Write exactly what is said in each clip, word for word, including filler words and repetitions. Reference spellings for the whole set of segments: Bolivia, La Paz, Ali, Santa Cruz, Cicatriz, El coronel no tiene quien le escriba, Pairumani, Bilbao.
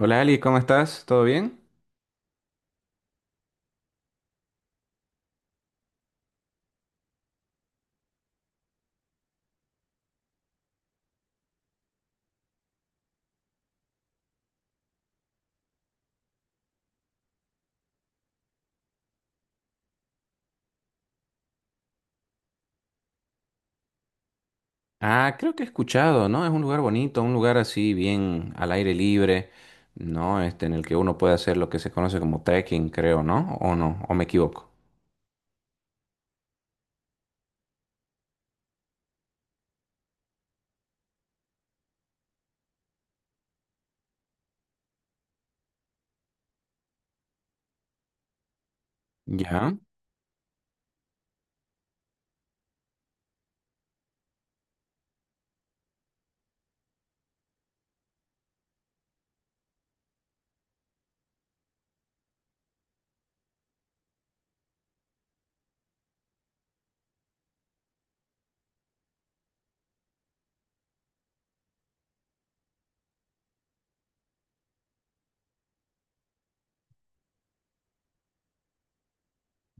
Hola Ali, ¿cómo estás? ¿Todo bien? Ah, creo que he escuchado, ¿no? Es un lugar bonito, un lugar así bien al aire libre, ¿no? Este, en el que uno puede hacer lo que se conoce como trekking, creo, ¿no? ¿O no? ¿O me equivoco? Ya.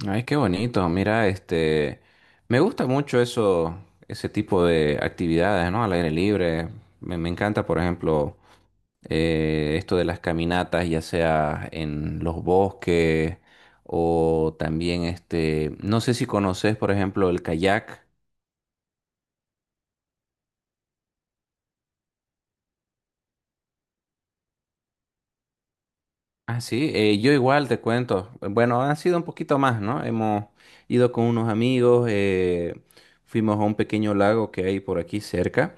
Ay, qué bonito. Mira, este, me gusta mucho eso, ese tipo de actividades, ¿no? Al aire libre. Me, me encanta, por ejemplo, eh, esto de las caminatas, ya sea en los bosques o también este, no sé si conoces, por ejemplo, el kayak. Ah, sí, eh, yo igual te cuento. Bueno, han sido un poquito más, ¿no? Hemos ido con unos amigos, eh, fuimos a un pequeño lago que hay por aquí cerca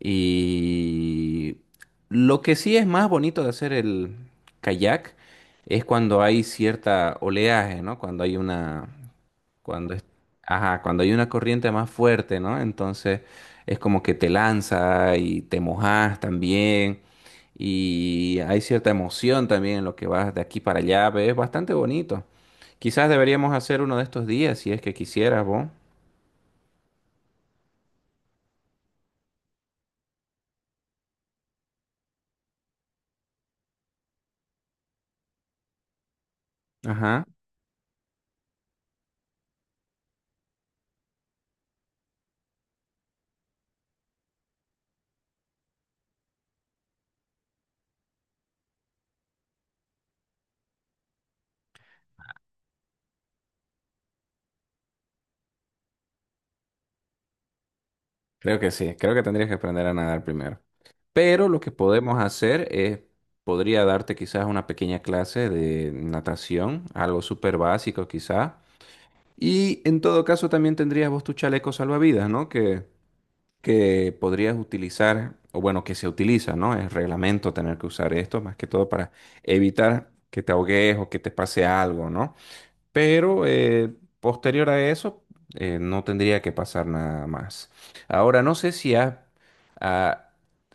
y lo que sí es más bonito de hacer el kayak es cuando hay cierta oleaje, ¿no? Cuando hay una. Cuando es, ajá, cuando hay una corriente más fuerte, ¿no? Entonces es como que te lanza y te mojas también y hay cierta emoción también en lo que vas de aquí para allá, ¿ves? Es bastante bonito. Quizás deberíamos hacer uno de estos días si es que quisieras vos. Ajá, creo que sí, creo que tendrías que aprender a nadar primero. Pero lo que podemos hacer es, podría darte quizás una pequeña clase de natación, algo súper básico quizás. Y en todo caso también tendrías vos tu chaleco salvavidas, ¿no? Que, que podrías utilizar, o bueno, que se utiliza, ¿no? Es reglamento tener que usar esto, más que todo para evitar que te ahogues o que te pase algo, ¿no? Pero eh, posterior a eso, eh, no tendría que pasar nada más. Ahora, no sé si has, ah,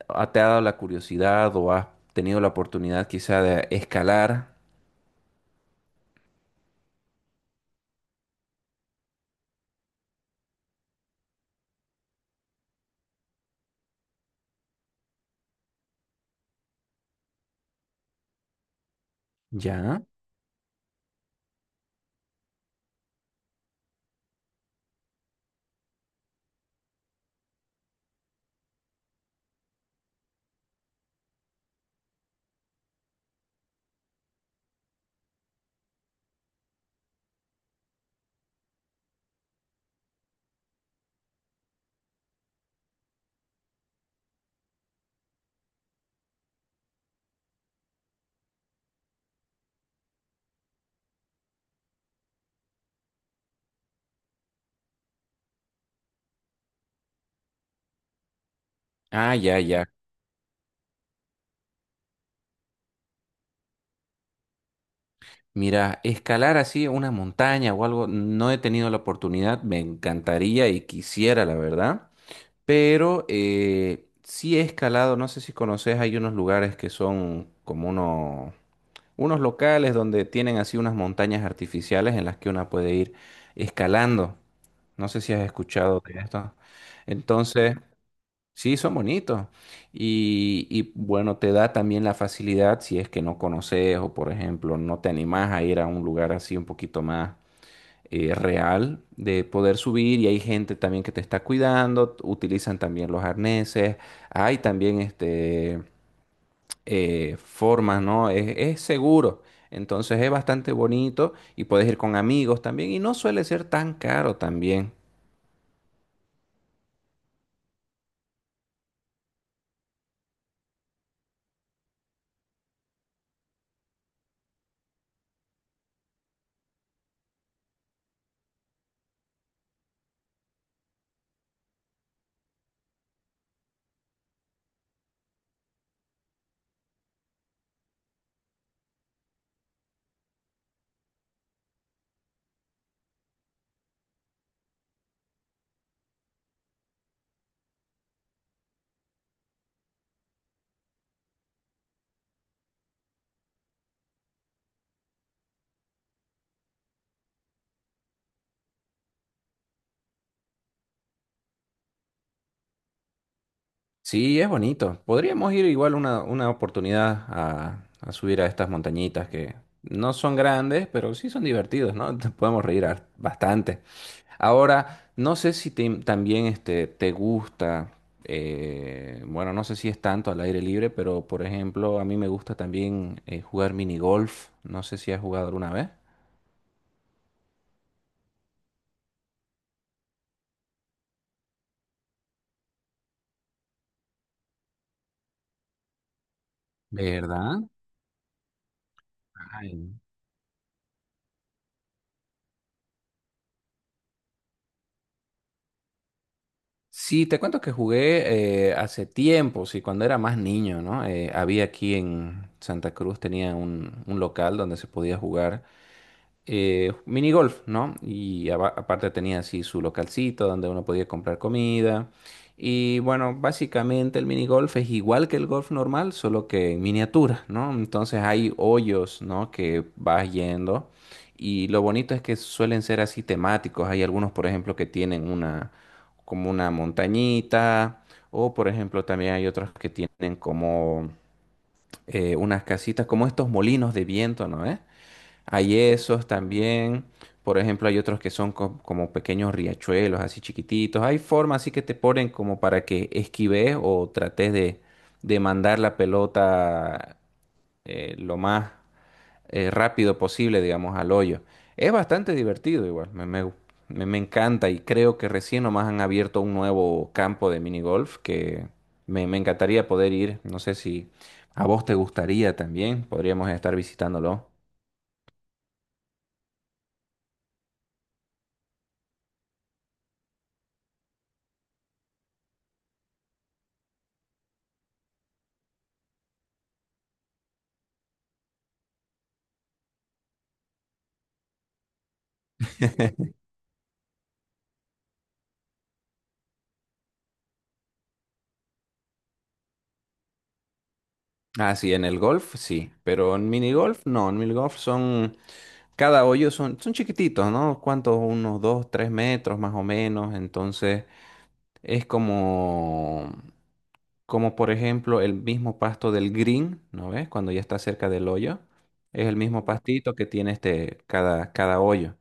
ah, te ha dado la curiosidad o has tenido la oportunidad quizá de escalar. Ya. Ah, ya, ya. Mira, escalar así una montaña o algo, no he tenido la oportunidad, me encantaría y quisiera, la verdad, pero eh, sí he escalado, no sé si conoces, hay unos lugares que son como unos, unos locales donde tienen así unas montañas artificiales en las que una puede ir escalando. No sé si has escuchado de esto. Entonces, sí, son bonitos. Y, y, bueno, te da también la facilidad si es que no conoces o, por ejemplo, no te animás a ir a un lugar así un poquito más eh, real de poder subir. Y hay gente también que te está cuidando. t- Utilizan también los arneses. Hay también este, eh, formas, ¿no? Es, es seguro. Entonces es bastante bonito y puedes ir con amigos también. Y no suele ser tan caro también. Sí, es bonito. Podríamos ir igual una, una oportunidad a, a subir a estas montañitas que no son grandes, pero sí son divertidos, ¿no? Te podemos reír har- bastante. Ahora, no sé si te- también este, te gusta, eh, bueno, no sé si es tanto al aire libre, pero por ejemplo, a mí me gusta también eh, jugar mini golf. No sé si has jugado alguna vez. ¿Verdad? Ay. Sí, te cuento que jugué eh, hace tiempo, sí, cuando era más niño, ¿no? Eh, había aquí en Santa Cruz, tenía un, un local donde se podía jugar eh, minigolf, ¿no? Y aba- aparte tenía así su localcito donde uno podía comprar comida. Y bueno, básicamente el minigolf es igual que el golf normal, solo que en miniatura, ¿no? Entonces hay hoyos, ¿no? Que vas yendo. Y lo bonito es que suelen ser así temáticos. Hay algunos, por ejemplo, que tienen una, como una montañita. O, por ejemplo, también hay otros que tienen como eh, unas casitas, como estos molinos de viento, ¿no? ¿Eh? Hay esos también. Por ejemplo, hay otros que son co- como pequeños riachuelos, así chiquititos. Hay formas así que te ponen como para que esquives o trates de, de mandar la pelota eh, lo más eh, rápido posible, digamos, al hoyo. Es bastante divertido igual, me, me, me- me encanta y creo que recién nomás han abierto un nuevo campo de minigolf que me, me encantaría poder ir. No sé si a vos te gustaría también, podríamos estar visitándolo. Ah, sí, en el golf sí, pero en minigolf no, en minigolf son, cada hoyo son, son chiquititos, ¿no? ¿Cuántos? Unos dos, tres metros más o menos, entonces es como, como por ejemplo el mismo pasto del green, ¿no ves? Cuando ya está cerca del hoyo, es el mismo pastito que tiene este, cada, cada hoyo.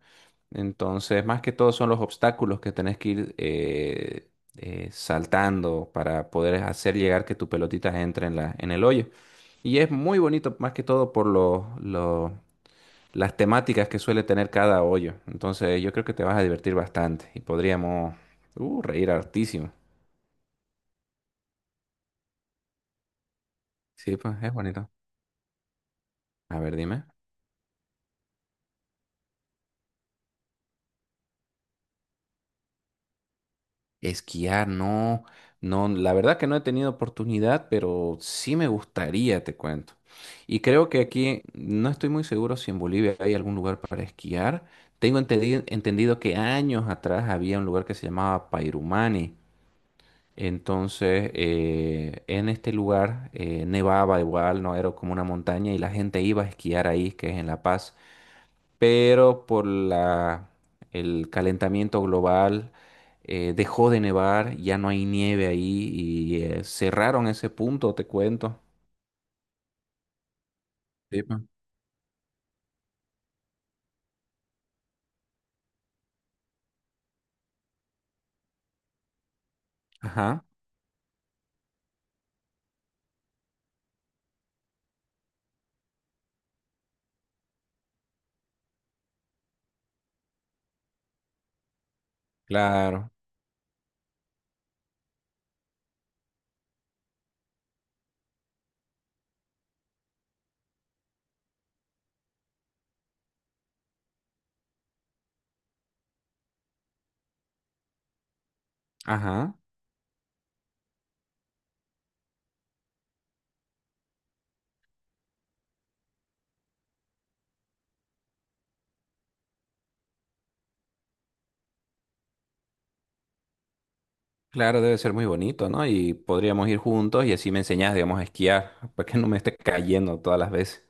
Entonces, más que todo son los obstáculos que tenés que ir eh, eh, saltando para poder hacer llegar que tu pelotita entre en la, en el hoyo. Y es muy bonito, más que todo por los, los- las temáticas que suele tener cada hoyo. Entonces, yo creo que te vas a divertir bastante y podríamos uh, reír hartísimo. Sí, pues es bonito. A ver, dime. Esquiar, no, no, la verdad que no he tenido oportunidad, pero sí me gustaría, te cuento. Y creo que aquí, no estoy muy seguro si en Bolivia hay algún lugar para esquiar. Tengo entendido, entendido que años atrás había un lugar que se llamaba Pairumani. Entonces, eh, en este lugar eh, nevaba igual, no era como una montaña y la gente iba a esquiar ahí, que es en La Paz, pero por la, el calentamiento global eh, dejó de nevar, ya no hay nieve ahí y eh, cerraron ese punto, te cuento. Sí, pa. Ajá, claro, ajá, claro, debe ser muy bonito, ¿no? Y podríamos ir juntos y así me enseñás, digamos, a esquiar, para que no me esté cayendo todas las veces.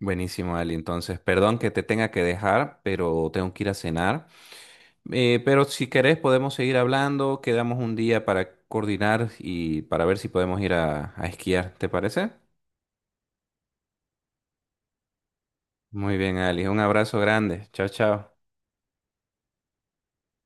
Buenísimo, Ali. Entonces, perdón que te tenga que dejar, pero tengo que ir a cenar. Eh, pero si querés podemos seguir hablando, quedamos un día para coordinar y para ver si podemos ir a, a esquiar, ¿te parece? Muy bien, Ali, un abrazo grande. Chao, chao.